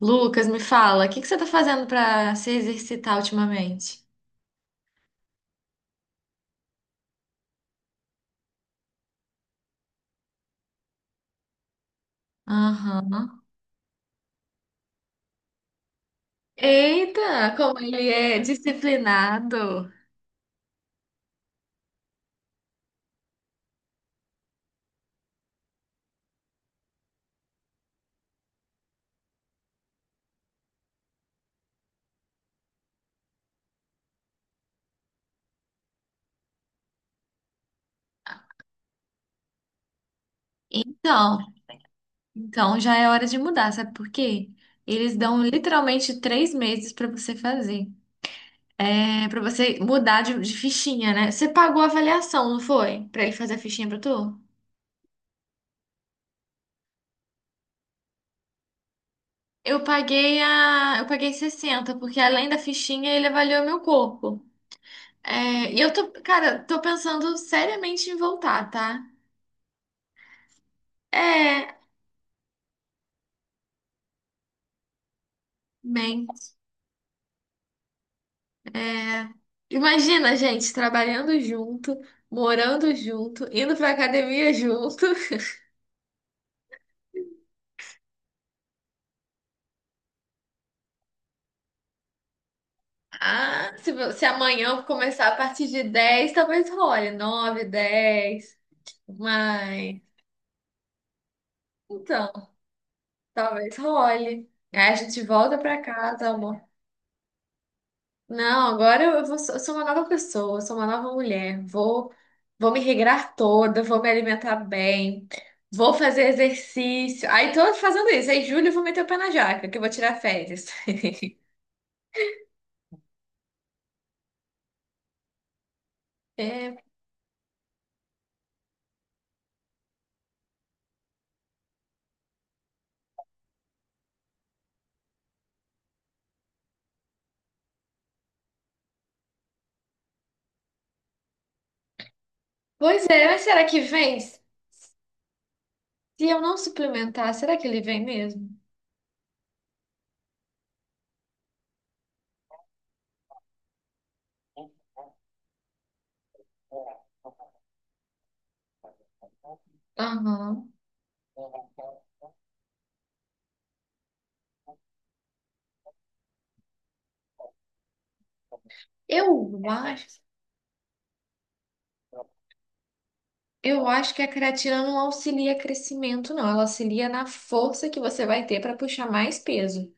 Lucas, me fala, o que que você tá fazendo pra se exercitar ultimamente? Aham. Eita, como ele é disciplinado. Então, então, já é hora de mudar, sabe por quê? Eles dão literalmente três meses pra você fazer. É, para você mudar de fichinha, né? Você pagou a avaliação, não foi? Pra ele fazer a fichinha pra tu? Eu paguei 60 porque além da fichinha ele avaliou meu corpo. É, e tô pensando seriamente em voltar, tá? É, bem, é, Imagina gente trabalhando junto, morando junto, indo pra academia junto. Se amanhã eu começar a partir de 10, talvez role. Nove, 10, mas... Então, Talvez role. Aí a gente volta pra casa. Não, eu sou uma nova pessoa, eu sou uma nova mulher. Vou me regrar toda, vou me alimentar bem, vou fazer exercício. Aí tô fazendo isso. Aí, julho, eu vou meter o pé na jaca, que eu vou tirar férias. É, pois é, mas será que vem? Se eu não suplementar, será que ele vem mesmo? Aham. Eu acho, eu acho que a creatina não auxilia crescimento, não. Ela auxilia na força que você vai ter para puxar mais peso,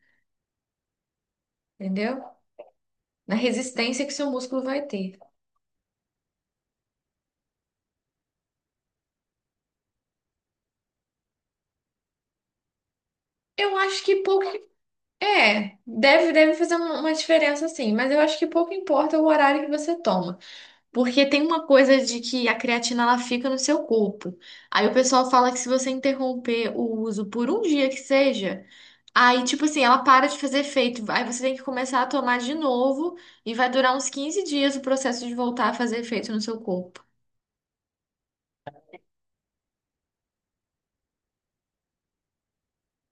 entendeu? Na resistência que seu músculo vai ter. Eu acho que pouco. É, deve fazer uma diferença sim, mas eu acho que pouco importa o horário que você toma. Porque tem uma coisa de que a creatina ela fica no seu corpo. Aí o pessoal fala que se você interromper o uso por um dia que seja, aí tipo assim, ela para de fazer efeito. Aí você tem que começar a tomar de novo e vai durar uns 15 dias o processo de voltar a fazer efeito no seu corpo.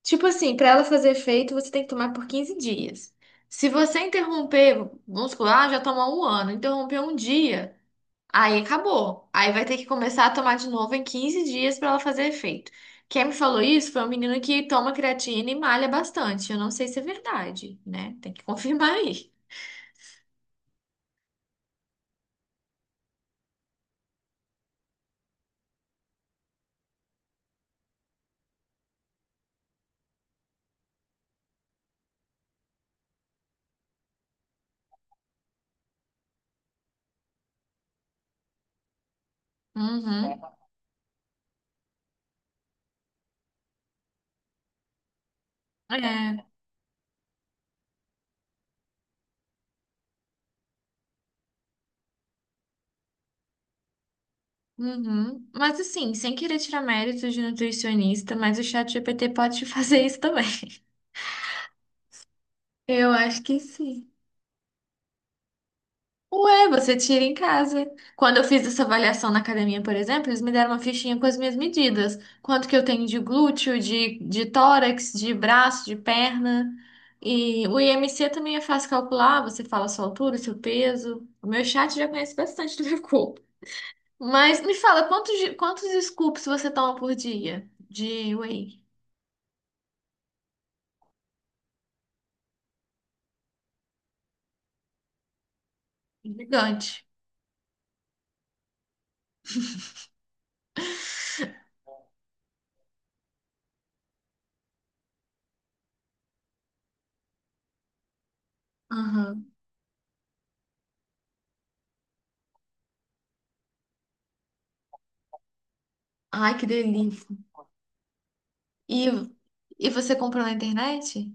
Tipo assim, para ela fazer efeito, você tem que tomar por 15 dias. Se você interromper, vamos supor, ah, já tomou um ano, interrompeu um dia, aí acabou. Aí vai ter que começar a tomar de novo em 15 dias para ela fazer efeito. Quem me falou isso foi um menino que toma creatina e malha bastante. Eu não sei se é verdade, né? Tem que confirmar aí. Uhum. É. Uhum. Mas assim, sem querer tirar méritos de nutricionista, mas o chat GPT pode te fazer isso também. Eu acho que sim. Ué, você tira em casa. Quando eu fiz essa avaliação na academia, por exemplo, eles me deram uma fichinha com as minhas medidas. Quanto que eu tenho de glúteo, de tórax, de braço, de perna. E o IMC também é fácil calcular, você fala a sua altura, o seu peso. O meu chat já conhece bastante do meu corpo. Mas me fala, quantos scoops você toma por dia de whey? Gigante. Aham. Ai, que delícia. E, e você comprou na internet?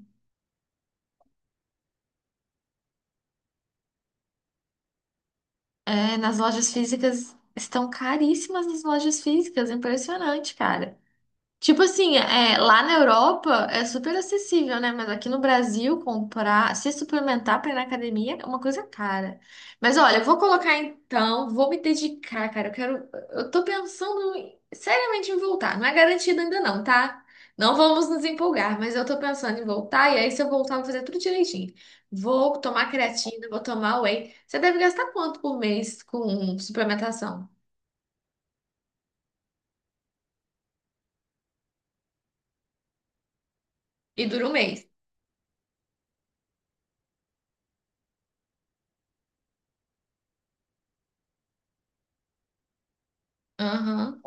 É, nas lojas físicas estão caríssimas as lojas físicas, impressionante, cara. Tipo assim, é, lá na Europa é super acessível, né? Mas aqui no Brasil, comprar, se suplementar para ir na academia é uma coisa cara. Mas olha, eu vou colocar então, vou me dedicar, cara. Eu quero. Eu tô pensando em- Seriamente em voltar. Não é garantido ainda, não, tá? Não vamos nos empolgar, mas eu tô pensando em voltar. E aí, se eu voltar, eu vou fazer tudo direitinho. Vou tomar creatina, vou tomar whey. Você deve gastar quanto por mês com suplementação? E dura um mês. Aham.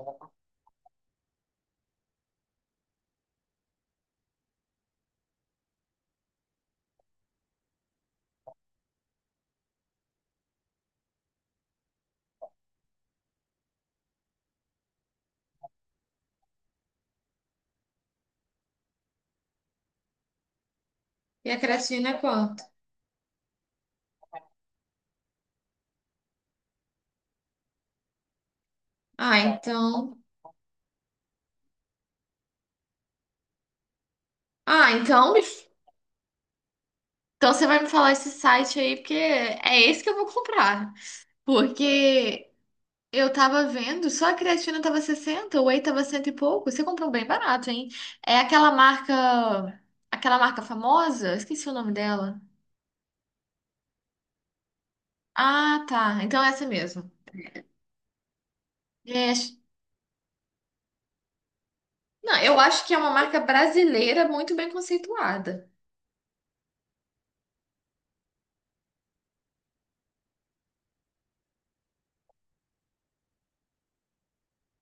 E a creatina é quanto? Ah, então. Ah, então. Então você vai me falar esse site aí, porque é esse que eu vou comprar. Porque eu tava vendo, só a creatina tava 60, o whey tava cento e pouco. Você comprou bem barato, hein? É aquela marca. Aquela marca famosa? Esqueci o nome dela. Ah, tá. Então é essa mesmo. É, acho- Não, eu acho que é uma marca brasileira muito bem conceituada.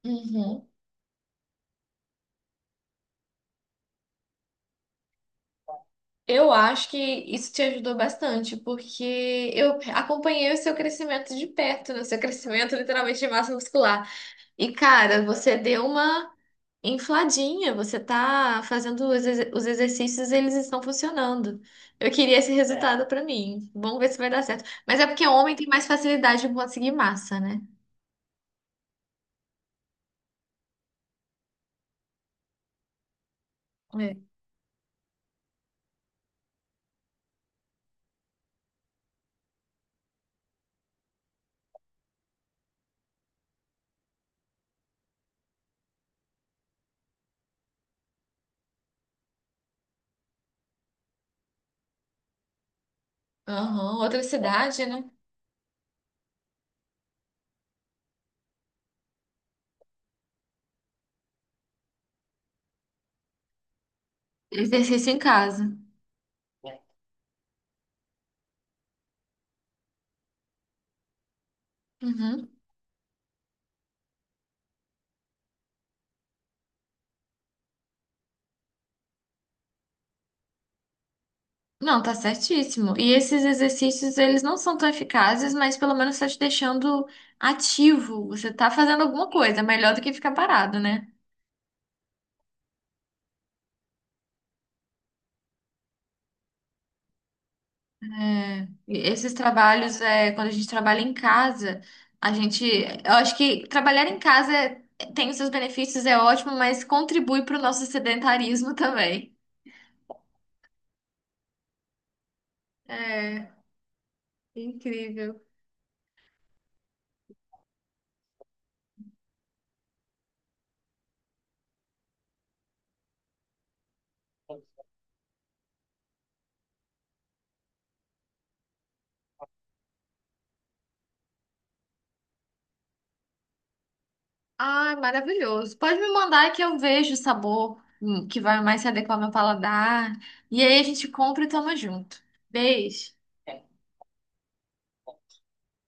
Uhum. Eu acho que isso te ajudou bastante, porque eu acompanhei o seu crescimento de perto, né? O seu crescimento literalmente de massa muscular. E, cara, você deu uma infladinha, você tá fazendo os exercícios, eles estão funcionando. Eu queria esse É. resultado pra mim. Vamos ver se vai dar certo. Mas é porque homem tem mais facilidade em conseguir massa, né? É. Aham, outra cidade, né? Exercício em casa. Uhum. Não, tá certíssimo. E esses exercícios, eles não são tão eficazes, mas pelo menos tá te deixando ativo. Você tá fazendo alguma coisa, melhor do que ficar parado, né? É, e esses trabalhos, é, quando a gente trabalha em casa, eu acho que trabalhar em casa tem os seus benefícios, é ótimo, mas contribui para o nosso sedentarismo também. É, incrível. Ai, maravilhoso. Pode me mandar que eu vejo o sabor que vai mais se adequar ao meu paladar. E aí a gente compra e toma junto. Beijo.